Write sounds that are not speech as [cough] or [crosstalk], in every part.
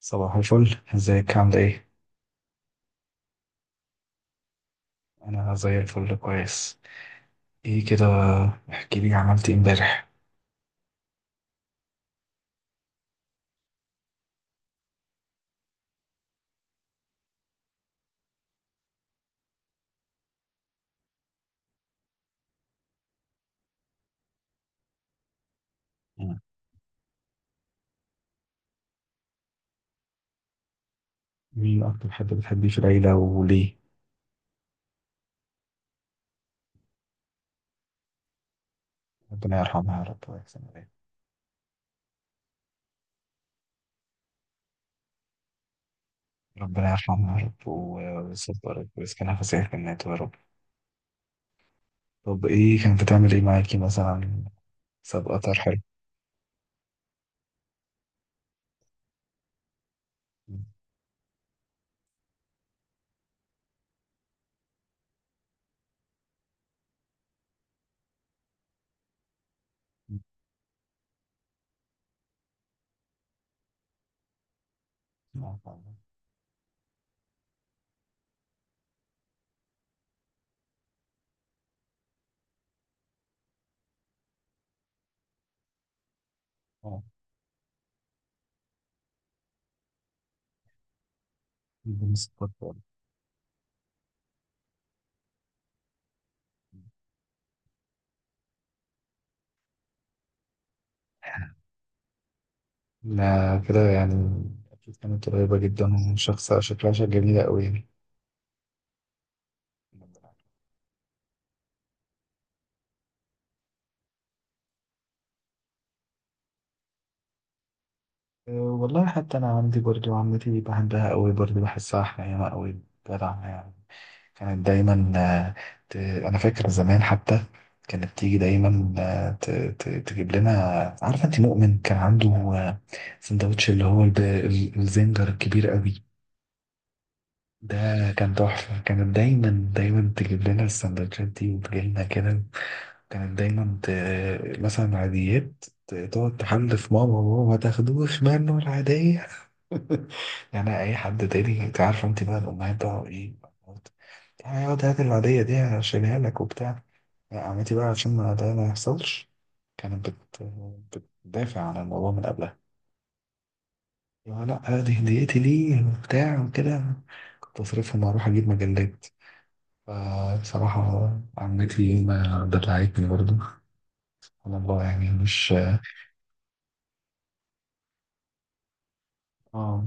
صباح الفل ازيك عاملة ايه؟ أنا زي الفل كويس. ايه كده. احكي لي عملت ايه امبارح. مم. مين أكتر حد بتحبيه في العيلة وليه؟ ربنا يرحمها يا رب ويحسن إليها. ربنا يرحمها يا رب ويصبرك ويسكنها في سيرك النات يا رب. طب ايه كانت بتعمل ايه معاكي مثلا؟ سابقة حلو. لا كده يعني. أكيد كانت قريبة جدا وشخص شكلها شكل جميلة أوي يعني. أه، والله حتى أنا عندي برضو عمتي بحبها أوي برضو بحسها حنينة أوي. جدعة يعني. كانت دايما انا فاكر زمان حتى كانت تيجي دايما تجيب لنا. عارفه انت مؤمن كان عنده سندوتش اللي هو الزنجر الكبير قوي ده. كان تحفه. كانت دايما دايما تجيب لنا السندوتشات دي وتجيلنا كده. كانت دايما مثلا عاديات تقعد تحلف ماما ماما ما تاخدوش منه العادية. [laughs] يعني أي حد تاني، أنت عارفة أنت بقى الأمهات بقى إيه؟ يعني اقعد هات العادية دي هشيلها لك وبتاع. لا، عمتي بقى عشان ما ده ما يحصلش. كانت بت... بتدافع عن الموضوع من قبلها. يا لا دي هديتي ليه وبتاع وكده. كنت أصرفهم وأروح أجيب مجلات. فبصراحة عمتي ما دلعتني برضه. سبحان الله يعني مش. اه.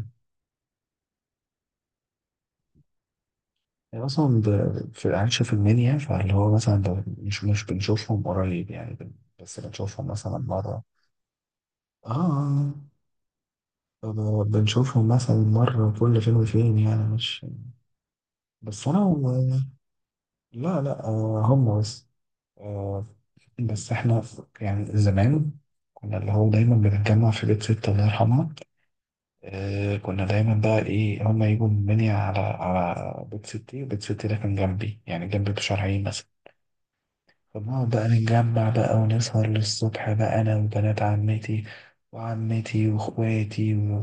يعني اصلا في العيشه في المنيا، فاللي هو مثلا لو مش بنشوفهم قريب يعني بس بنشوفهم مثلا مره. اه آه. بنشوفهم مثلا مره كل فين وفين يعني مش. بس انا لا لا، آه، هم بس. آه. بس احنا يعني زمان كنا اللي هو دايما بنتجمع في بيت ستة الله يرحمها. آه كنا دايما بقى ايه، هما يجوا من المنيا على على بيت ستي، وبيت ستي ده كان جنبي يعني جنبي بشارعين مثلا. فبنقعد بقى نتجمع بقى ونسهر للصبح بقى أنا وبنات عمتي وعمتي وإخواتي و...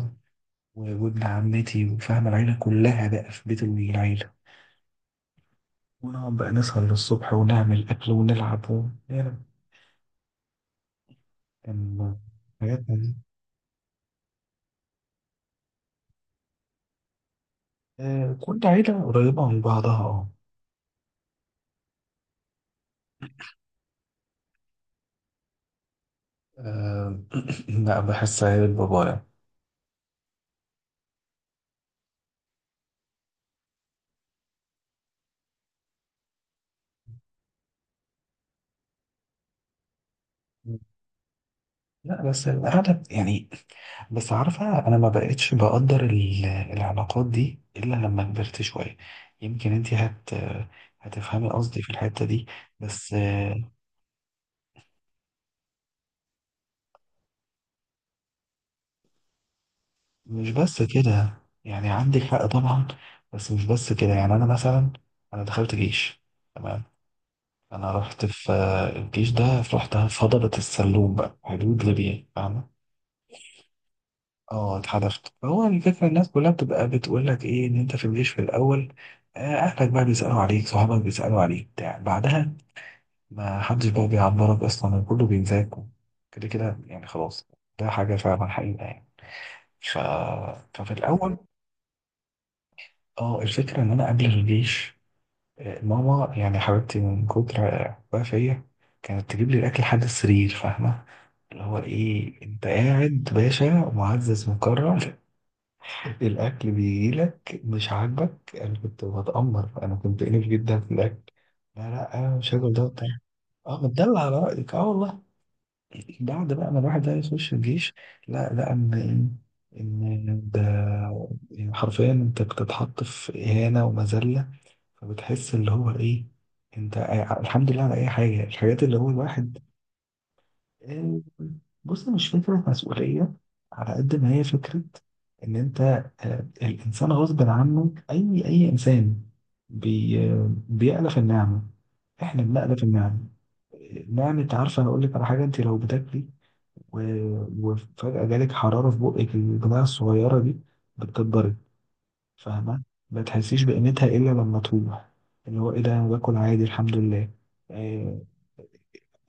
و- وابن عمتي وفاهم العيلة كلها بقى في بيت العيلة. ونقعد بقى نسهر للصبح ونعمل أكل ونلعب و... يعني كان حاجاتنا دي. آه كل عيلة قريبة من بعضها اه. آه، [clears throat] لا بحسها عيلة بابايا. لا بس القعدة يعني. بس عارفة أنا ما بقتش بقدر العلاقات دي إلا لما كبرت شوية. يمكن أنت هتفهمي قصدي في الحتة دي. بس مش بس كده يعني عندك حق طبعا. بس مش بس كده يعني أنا مثلا أنا دخلت جيش تمام. أنا رحت في الجيش ده، رحت في هضبة السلوم بقى حدود ليبيا فاهمة. اه اتحدفت. هو الفكرة الناس كلها بتبقى بتقول لك ايه ان انت في الجيش في الاول، اهلك بقى بيسألوا عليك صحابك بيسألوا عليك بتاع، بعدها ما حدش بقى بيعبرك اصلا كله بينساك كده كده يعني خلاص. ده حاجة فعلا حقيقة يعني. ف... ففي الاول اه الفكرة ان انا قبل الجيش، ماما يعني حبيبتي من كتر حبها فيا كانت تجيب لي الاكل لحد السرير فاهمة. اللي هو ايه، انت قاعد باشا معزز مكرم، الأكل بيجيلك مش عاجبك. أنا كنت بتأمر، أنا كنت أليف جدا في الأكل. لا لا، أنا مش هاكل ده تاني. أه متدلع على رأيك، أه والله. بعد بقى ما الواحد ده يخش الجيش، لا لا إن إيه؟ إن ده يعني حرفيا أنت بتتحط في إهانة ومذلة. فبتحس اللي هو إيه، أنت الحمد لله على أي حاجة، الحاجات اللي هو الواحد. آه، بص، مش فكرة مسؤولية على قد ما هي فكرة إن أنت الإنسان غصب عنه، أي أي إنسان بي آه، بيألف النعمة، إحنا بنألف النعمة. نعمة. عارفة هقول لك على حاجة، أنت لو بتاكلي و- وفجأة جالك حرارة في بقك، البتاعة الصغيرة دي بتكبرك فاهمة. ما تحسيش بقيمتها إلا لما تروح. اللي هو إيه ده، أنا باكل عادي الحمد لله. آه،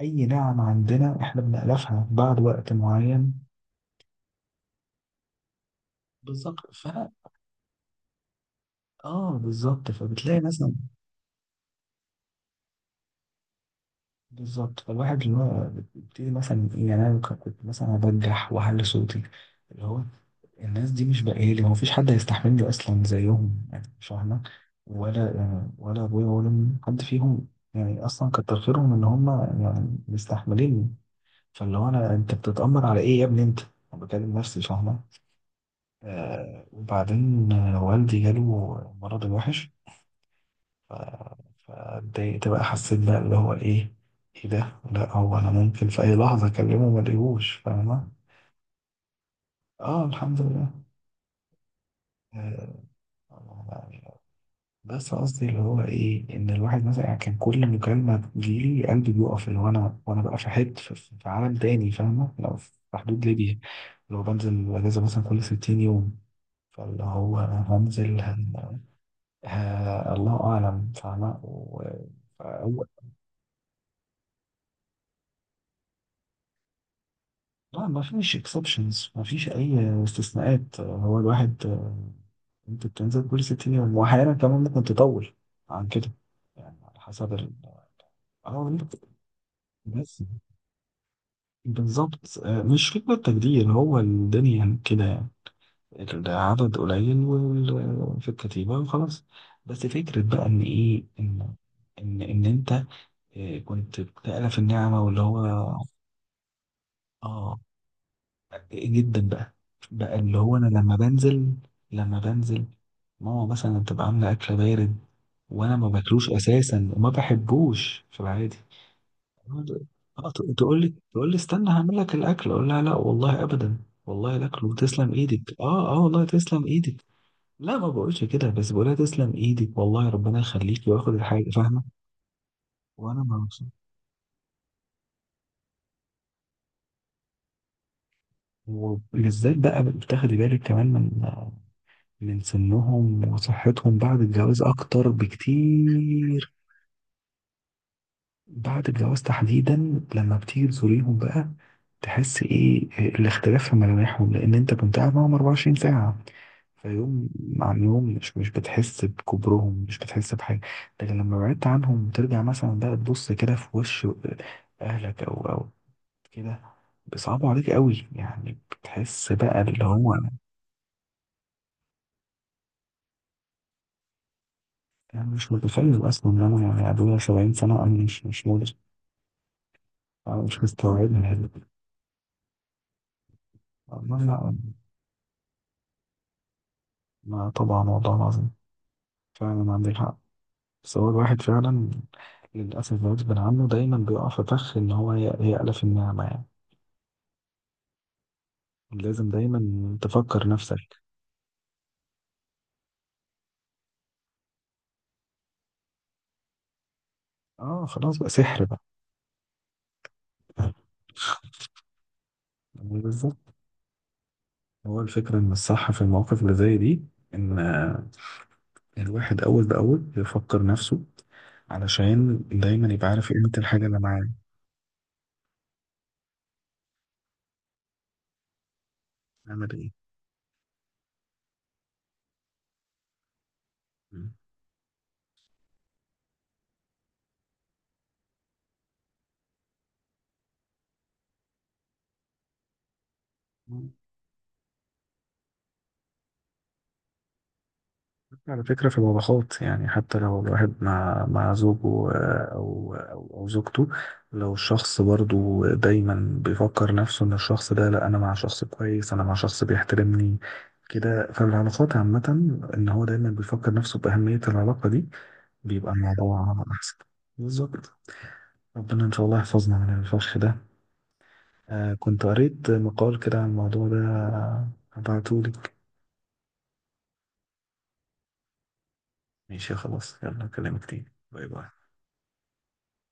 اي نعم، عندنا احنا بنألفها بعد وقت معين. بالظبط اه بالظبط فبتلاقي مثلا. بالظبط فالواحد اللي هو بيبتدي مثلا. يعني انا كنت مثلا ابجح واعلي صوتي، اللي هو الناس دي مش بقالي، هو مفيش حد هيستحملني اصلا زيهم يعني مش فاهمة. ولا، ولا ابويا ولا أمي، حد فيهم. يعني اصلا كتر خيرهم ان هم يعني مستحمليني. فاللي هو انت بتتأمر على ايه يا ابني انت؟ انا بكلم نفسي فاهمة. آه وبعدين والدي جاله مرض الوحش. ف- فاتضايقت بقى، حسيت بقى اللي هو ايه، ايه ده، لا هو انا ممكن في اي لحظة اكلمه ما الاقيهوش فاهمة. اه الحمد لله. آه يعني بس قصدي اللي هو ايه، ان الواحد مثلا يعني كان كل مكالمة تجيلي قلبي بيقف، اللي هو انا، وانا بقى في حتة في عالم تاني فاهمة، لو في حدود ليبيا، لو بنزل اجازة مثلا كل 60 يوم، فاللي هو هنزل. آه الله اعلم فاهمه فهو لا ما فيش اكسبشنز، ما فيش اي استثناءات. هو الواحد انت بتنزل كل 6 ايام واحيانا كمان ممكن تطول عن كده يعني على حسب ال. اه. بس بالظبط مش فكرة تجدير، هو الدنيا كده يعني. العدد قليل في الكتيبة وخلاص. بس فكرة بقى إن إيه إن إن إن أنت كنت بتألف النعمة واللي هو. اه جدا بقى. بقى اللي هو انا لما بنزل لما بنزل ماما مثلا بتبقى عامله اكل بارد، وانا ما باكلوش اساسا وما بحبوش في العادي. اه تقول لي استنى هعمل لك الاكل، اقول لها لا والله ابدا، والله الاكل وتسلم ايدك، اه اه والله تسلم ايدك. لا ما بقولش كده، بس بقولها تسلم ايدك والله ربنا يخليك، واخد الحاجه فاهمه. وانا ما. وبالذات بقى بتاخدي بالك كمان من من سنهم وصحتهم بعد الجواز أكتر بكتير. بعد الجواز تحديدا لما بتيجي تزوريهم بقى، تحس إيه الاختلاف في ملامحهم، لأن أنت كنت قاعد معاهم 24 ساعة، فيوم عن يوم مش مش بتحس بكبرهم مش بتحس بحاجة. لكن لما بعدت عنهم ترجع مثلا بقى تبص كده في وش أهلك أو أو كده، بيصعبوا عليك قوي يعني بتحس بقى اللي هو. انا مش متخيل اصلا ان انا يعني ابويا 70 سنه، انا مش مش مدرك، أنا مش مستوعبها. ما لا، ما طبعا والله العظيم فعلا عندك حق. بس هو الواحد فعلا للأسف غصب عنه دايما بيقع في فخ إن هو يألف النعمة يعني. لازم دايما تفكر نفسك. اه خلاص بقى، سحر بقى. يعني بالظبط. هو الفكرة إن الصح في المواقف اللي زي دي، إن الواحد أول بأول يفكر نفسه علشان دايما يبقى عارف قيمة الحاجة اللي معاه. نعمل إيه. مم. على فكرة في الوضعات، يعني حتى لو الواحد مع زوجه أو زوجته، لو الشخص برضو دايما بيفكر نفسه إن الشخص ده لأ أنا مع شخص كويس، أنا مع شخص بيحترمني كده، فالعلاقات عامة إن هو دايما بيفكر نفسه بأهمية العلاقة دي بيبقى الموضوع أحسن. بالظبط. ربنا إن شاء الله يحفظنا من الفخ ده. آه كنت قريت مقال كده عن الموضوع ده، هبعتهولك. ماشي خلاص يلا أكلمك تاني، باي باي.